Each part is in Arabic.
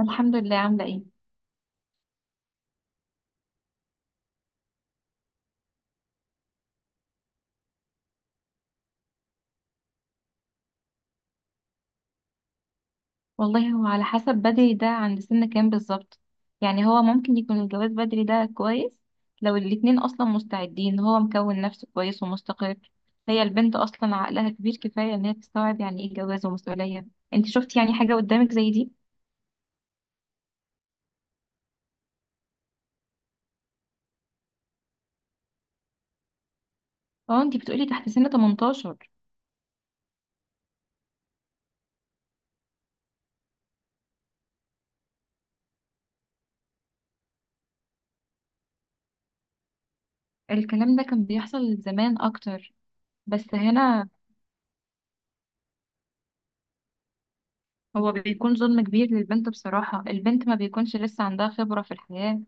الحمد لله. عاملة ايه؟ والله هو على حسب بدري ده، عند سن كام بالظبط؟ يعني هو ممكن يكون الجواز بدري ده كويس لو الاتنين اصلا مستعدين، هو مكون نفسه كويس ومستقر، هي البنت اصلا عقلها كبير كفاية ان هي تستوعب يعني ايه جواز ومسؤولية. انت شفتي يعني حاجة قدامك زي دي؟ اه، انت بتقولي تحت سن 18. الكلام ده كان بيحصل زمان اكتر، بس هنا. هو بيكون ظلم كبير للبنت بصراحة، البنت ما بيكونش لسه عندها خبرة في الحياة،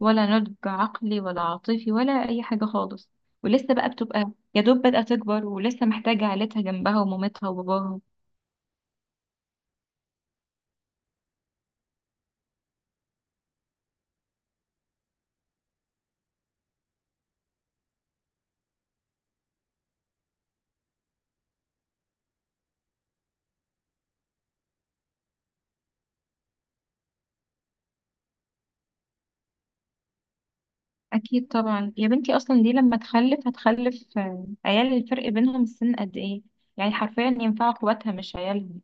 ولا نضج عقلي ولا عاطفي ولا أي حاجة خالص، ولسه بقى بتبقى يا دوب بدأت تكبر ولسه محتاجة عيلتها جنبها ومامتها وباباها. أكيد طبعا يا بنتي، أصلا دي لما تخلف هتخلف عيال الفرق بينهم السن قد إيه، يعني حرفيا ينفعوا أخواتها مش عيالهم.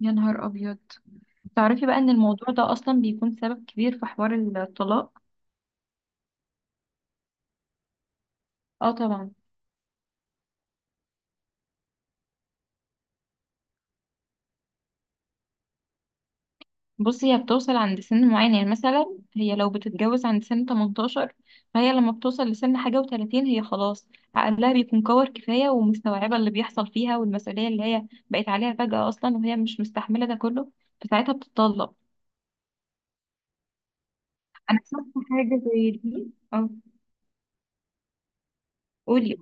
يا نهار أبيض، تعرفي بقى إن الموضوع ده أصلا بيكون سبب كبير في حوار الطلاق؟ اه طبعا. بصي، هي بتوصل عند سن معين، يعني مثلا هي لو بتتجوز عند سن 18، فهي لما بتوصل لسن حاجة وتلاتين هي خلاص، عقلها بيكون كور كفاية ومستوعبة اللي بيحصل فيها والمسؤولية اللي هي بقت عليها فجأة أصلا وهي مش مستحملة ده كله، فساعتها بتطلق. أنا شفت حاجة زي دي أه. قولي.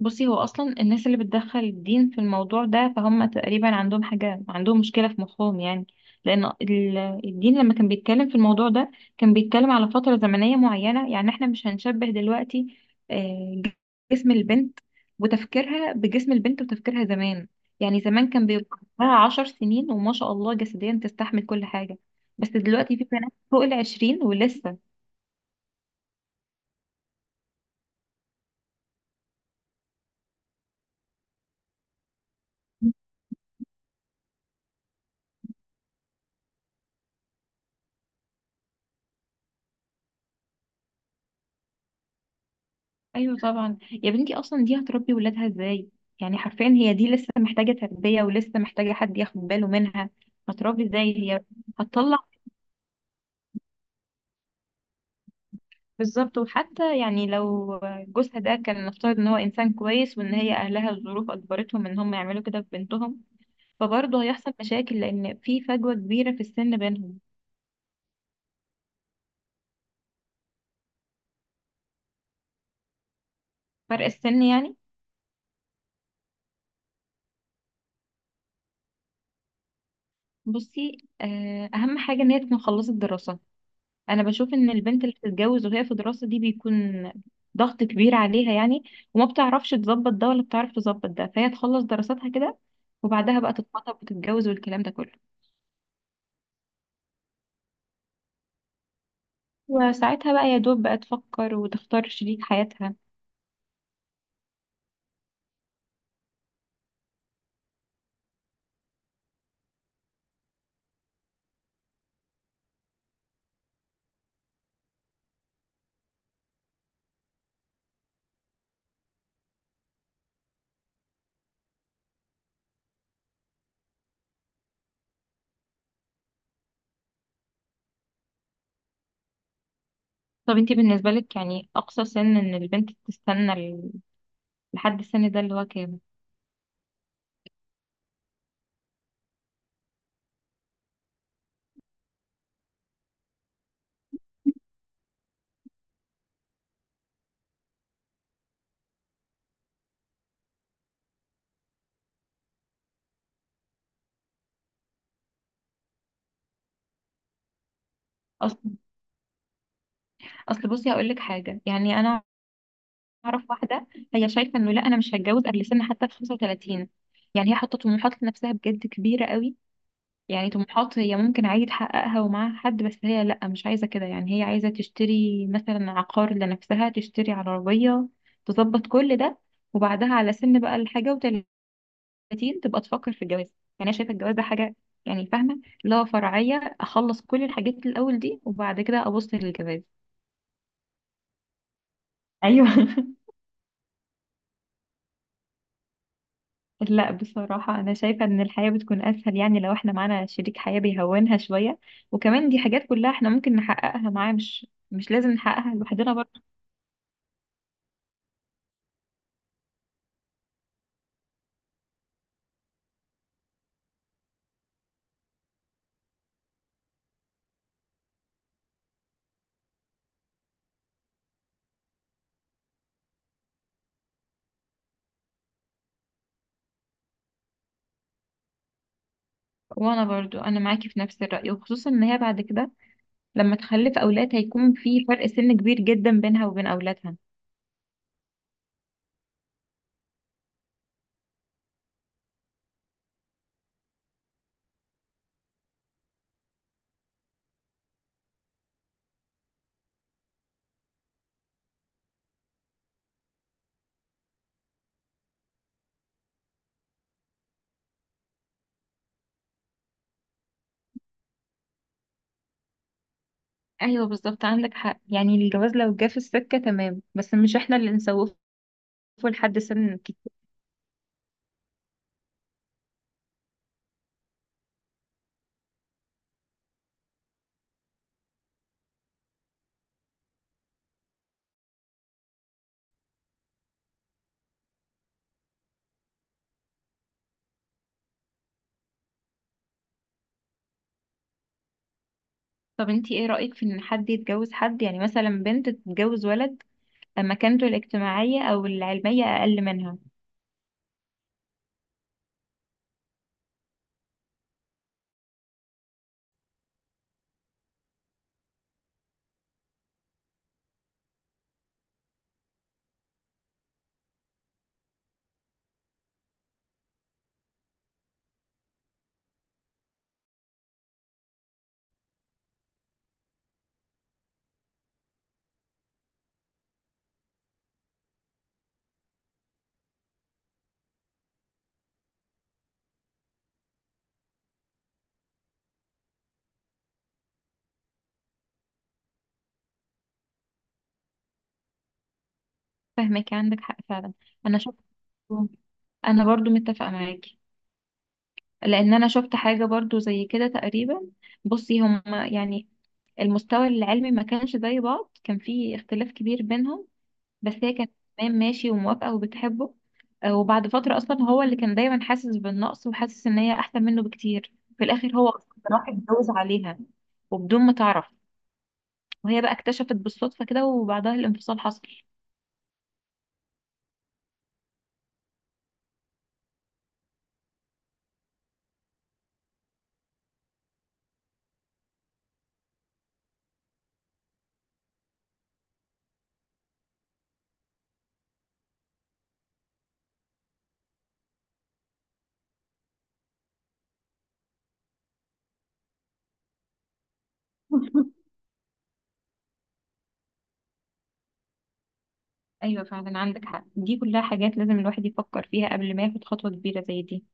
بصي، هو اصلا الناس اللي بتدخل الدين في الموضوع ده فهم تقريبا عندهم حاجه، عندهم مشكله في مخهم يعني. لان الدين لما كان بيتكلم في الموضوع ده كان بيتكلم على فتره زمنيه معينه، يعني احنا مش هنشبه دلوقتي آه، جسم البنت وتفكيرها بجسم البنت وتفكيرها زمان. يعني زمان كان بيبقى لها 10 سنين وما شاء الله جسديا تستحمل كل حاجه، بس دلوقتي في بنات فوق العشرين ولسه. ايوه طبعا يا بنتي، اصلا دي هتربي ولادها ازاي؟ يعني حرفيا هي دي لسه محتاجه تربيه ولسه محتاجه حد ياخد باله منها، هتربي ازاي هي؟ هتطلع. بالظبط، وحتى يعني لو جوزها ده كان نفترض ان هو انسان كويس وان هي اهلها الظروف اجبرتهم ان هم يعملوا كده في بنتهم، فبرضه هيحصل مشاكل لان في فجوه كبيره في السن بينهم. فرق السن يعني؟ بصي اهم حاجه ان هي تكون خلصت دراسه. انا بشوف ان البنت اللي بتتجوز وهي في دراسة دي بيكون ضغط كبير عليها يعني، وما بتعرفش تظبط ده ولا بتعرف تظبط ده، فهي تخلص دراساتها كده وبعدها بقى تتخطب وتتجوز والكلام ده كله. وساعتها بقى يا دوب بقى تفكر وتختار شريك حياتها. طب انتي بالنسبة لك يعني اقصى سن ان البنت تستنى لحد السن ده اللي هو كام؟ اصل اصل بصي هقول لك حاجة، يعني انا اعرف واحدة، هي شايفة انه لا انا مش هتجوز قبل سن حتى ال 35، يعني هي حاطة طموحات لنفسها بجد كبيرة قوي. يعني طموحات هي ممكن عادي تحققها ومعاها حد، بس هي لأ مش عايزة كده، يعني هي عايزة تشتري مثلا عقار لنفسها، تشتري عربية، تظبط كل ده، وبعدها على سن بقى الحاجة وتلاتين تبقى تفكر في الجواز. يعني أنا شايفة الجواز ده حاجة، يعني فاهمة، اللي هو فرعية، أخلص كل الحاجات الأول دي وبعد كده أبص للجواز. أيوه لا بصراحة أنا شايفة إن الحياة بتكون أسهل، يعني لو إحنا معانا شريك حياة بيهونها شوية، وكمان دي حاجات كلها إحنا ممكن نحققها معاه، مش لازم نحققها لوحدنا. وانا برضو انا معاكي في نفس الرأي، وخصوصا ان هي بعد كده لما تخلف اولاد هيكون في فرق سن كبير جدا بينها وبين اولادها. ايوه بالظبط، عندك حق، يعني الجواز لو جه في السكة تمام بس مش احنا اللي نسوفه لحد سن كتير. طب انتي ايه رأيك في ان حد يتجوز حد، يعني مثلا بنت تتجوز ولد مكانته الاجتماعية او العلمية اقل منها؟ فاهمك، عندك حق فعلا. انا شفت انا برضو متفقة معاكي، لان انا شفت حاجة برضو زي كده تقريبا. بصي هما يعني المستوى العلمي ما كانش زي بعض، كان في اختلاف كبير بينهم، بس هي كانت تمام ماشي وموافقة وبتحبه. وبعد فترة أصلا هو اللي كان دايما حاسس بالنقص وحاسس إن هي أحسن منه بكتير. في الآخر هو أصلاً راح اتجوز عليها وبدون ما تعرف، وهي بقى اكتشفت بالصدفة كده وبعدها الانفصال حصل. أيوة فعلا عندك حق، دي كلها حاجات لازم الواحد يفكر فيها قبل ما ياخد خطوة كبيرة زي دي.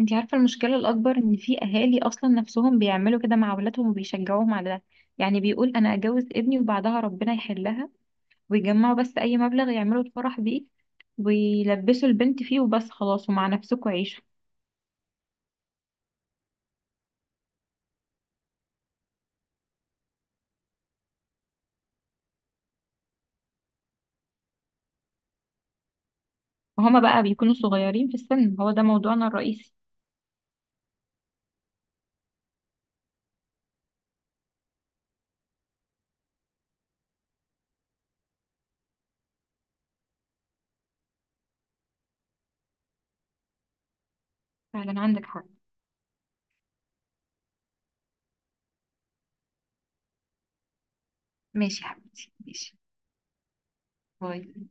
انتي عارفة المشكلة الأكبر؟ إن في أهالي أصلا نفسهم بيعملوا كده مع أولادهم وبيشجعوهم على ده، يعني بيقول أنا أجوز ابني وبعدها ربنا يحلها، ويجمعوا بس أي مبلغ يعملوا الفرح بيه ويلبسوا البنت فيه وبس خلاص ومع نفسكوا عيشوا. وهما بقى بيكونوا صغيرين في السن، هو ده موضوعنا الرئيسي. فعلا عندك حق. ماشي يا حبيبتي، ماشي، باي.